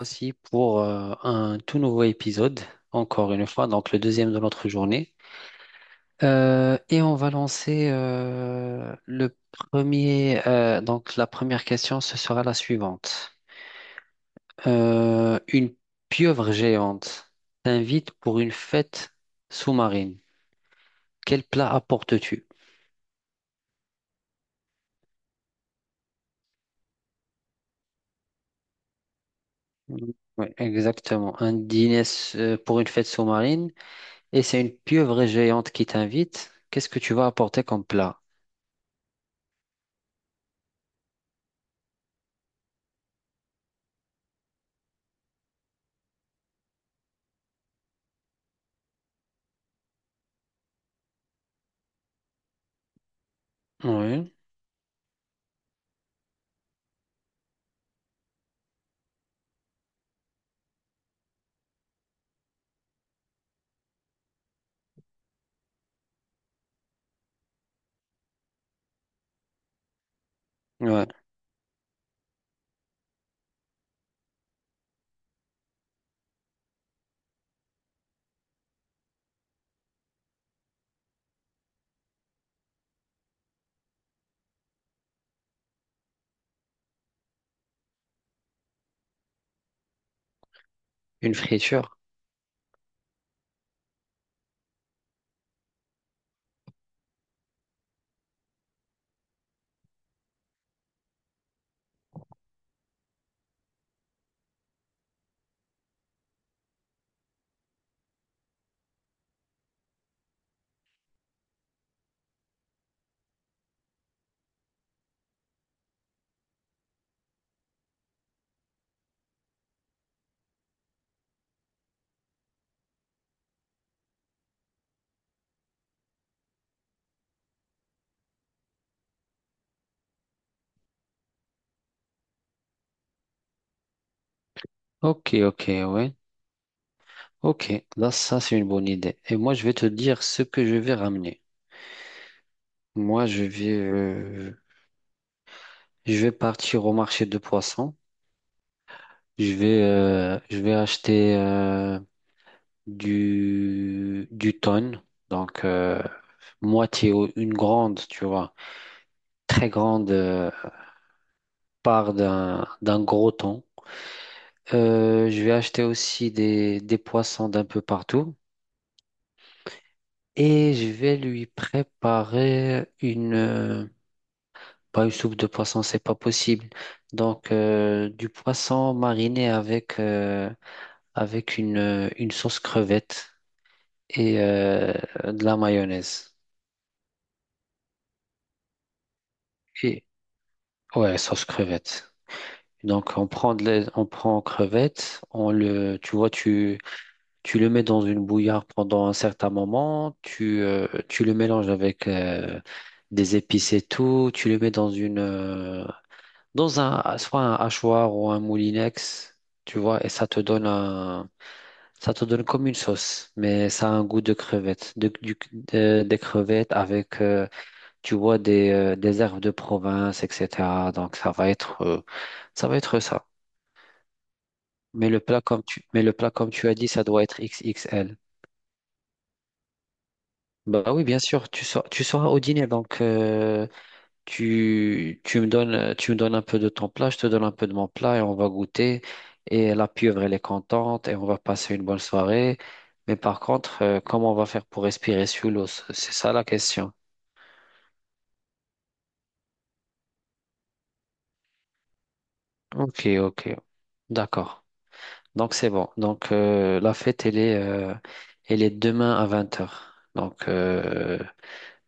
Aussi pour un tout nouveau épisode, encore une fois, donc le deuxième de notre journée. Et on va lancer le premier. Donc la première question, ce sera la suivante. Une pieuvre géante t'invite pour une fête sous-marine. Quel plat apportes-tu? Oui, exactement. Un dîner pour une fête sous-marine et c'est une pieuvre géante qui t'invite. Qu'est-ce que tu vas apporter comme plat? Oui, ouais. Une friture. Ok, ok, ouais. Ok, là, ça, c'est une bonne idée. Et moi, je vais te dire ce que je vais ramener. Moi, je vais partir au marché de poissons. Je vais acheter du thon. Donc, moitié, ou une grande, tu vois. Très grande part d'un gros thon. Je vais acheter aussi des poissons d'un peu partout et je vais lui préparer une pas une soupe de poisson, c'est pas possible. Donc du poisson mariné avec une sauce crevette et de la mayonnaise. Et ouais, sauce crevette. Donc on prend crevette, on le tu vois tu tu le mets dans une bouillarde pendant un certain moment, tu le mélanges avec des épices et tout, tu le mets dans une dans un soit un hachoir ou un moulinex, tu vois, et ça te donne comme une sauce, mais ça a un goût de crevette, des crevettes avec tu vois des herbes de province, etc. Donc ça va être ça. Mais le plat comme tu as dit, ça doit être XXL. Bah oui, bien sûr, tu seras au dîner, donc tu me donnes un peu de ton plat, je te donne un peu de mon plat et on va goûter. Et la pieuvre, elle est contente et on va passer une bonne soirée. Mais par contre, comment on va faire pour respirer sous l'eau? C'est ça la question. Ok, ok, d'accord. Donc c'est bon. Donc la fête, elle est demain à 20 heures. Donc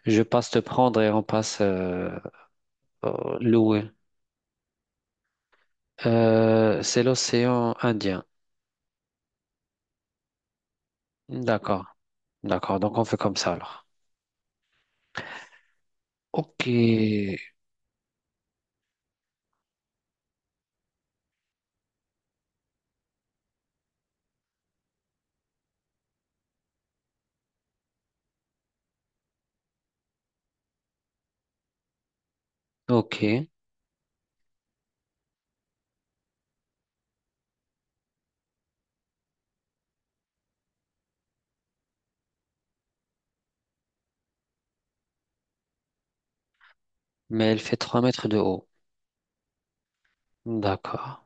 je passe te prendre et on passe louer. C'est l'océan Indien. D'accord, d'accord. Donc on fait comme ça alors. Ok, ok. Mais elle fait 3 mètres de haut. D'accord.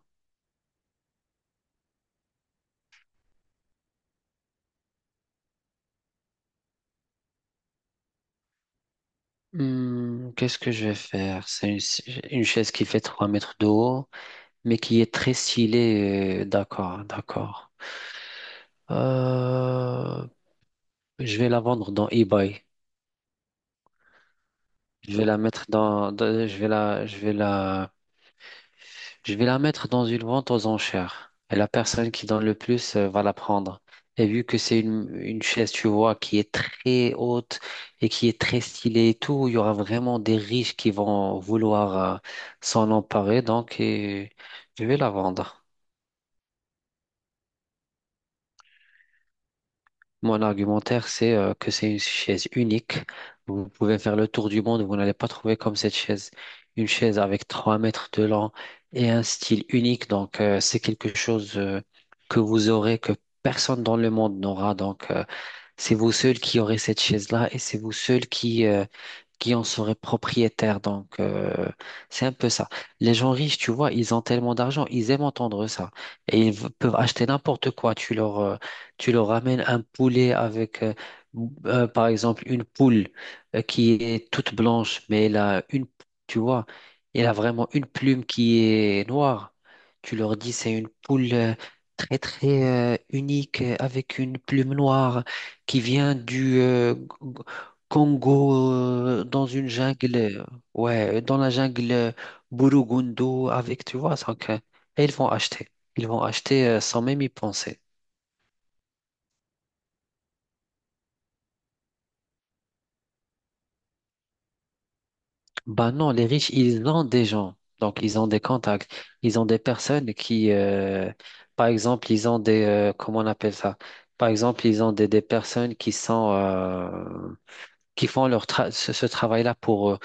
Hmm, qu'est-ce que je vais faire? C'est une chaise qui fait 3 mètres de haut, mais qui est très stylée. D'accord, d'accord. Euh, je vais la vendre dans eBay. Je vais la mettre dans, dans- je vais la, je vais la Je vais la mettre dans une vente aux enchères. Et la personne qui donne le plus va la prendre. Et vu que c'est une chaise, tu vois, qui est très haute et qui est très stylée et tout, il y aura vraiment des riches qui vont vouloir s'en emparer. Donc, et je vais la vendre. Mon argumentaire, c'est que c'est une chaise unique. Vous pouvez faire le tour du monde, vous n'allez pas trouver comme cette chaise. Une chaise avec 3 mètres de long et un style unique. Donc, c'est quelque chose que vous aurez, que personne dans le monde n'aura. Donc, c'est vous seul qui aurez cette chaise-là et c'est vous seul qui en seraient propriétaires. Donc, c'est un peu ça. Les gens riches, tu vois, ils ont tellement d'argent, ils aiment entendre ça. Et ils peuvent acheter n'importe quoi. Tu leur ramènes un poulet par exemple, une poule qui est toute blanche, mais elle a une, tu vois, elle a vraiment une plume qui est noire. Tu leur dis, c'est une poule. Très très unique avec une plume noire qui vient du Congo dans une jungle, ouais, dans la jungle Burundu avec, tu vois, donc, et ils vont acheter. Ils vont acheter sans même y penser. Bah non, les riches, ils ont des gens, donc ils ont des contacts, ils ont des personnes par exemple, ils ont comment on appelle ça? Par exemple, ils ont des personnes qui font leur ce travail-là pour eux.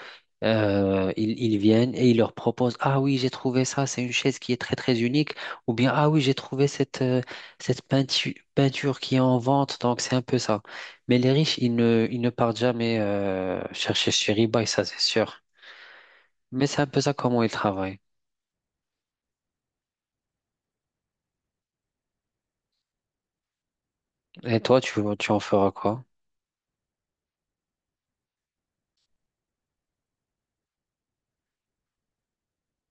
Ils viennent et ils leur proposent, Ah oui, j'ai trouvé ça, c'est une chaise qui est très très unique, ou bien Ah oui, j'ai trouvé cette peinture qui est en vente, donc c'est un peu ça. Mais les riches, ils ne partent jamais chercher chez eBay, ça c'est sûr. Mais c'est un peu ça comment ils travaillent. Et toi, tu en feras quoi?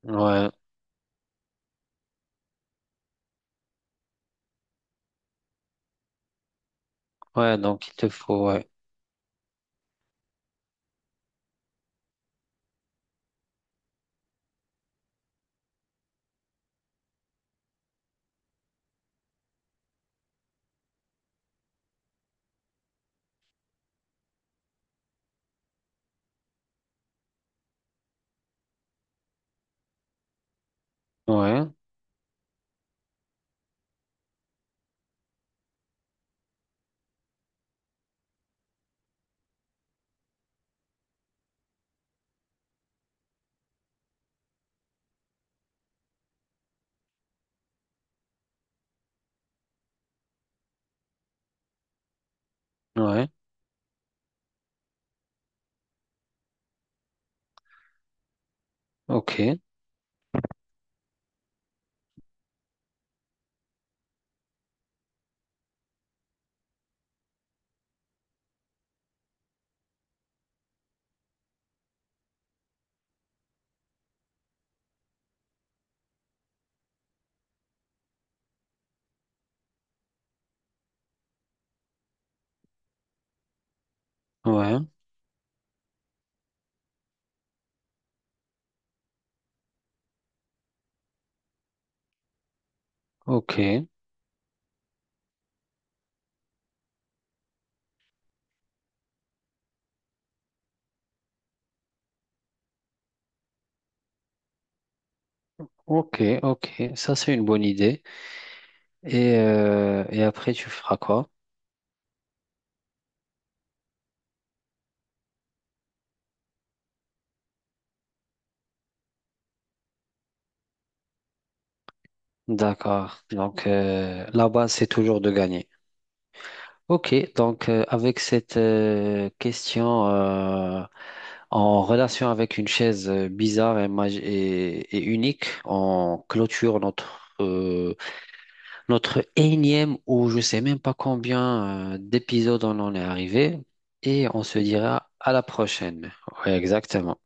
Ouais, ouais, donc il te faut, ouais, ouais, ouais, ok, ouais, ok, ok, ok, ça c'est une bonne idée. Et, et après, tu feras quoi? D'accord. Donc, la base, c'est toujours de gagner. Ok, donc avec cette question en relation avec une chaise bizarre et unique, on clôture notre énième ou je sais même pas combien d'épisodes on en est arrivé et on se dira à la prochaine. Ouais, exactement.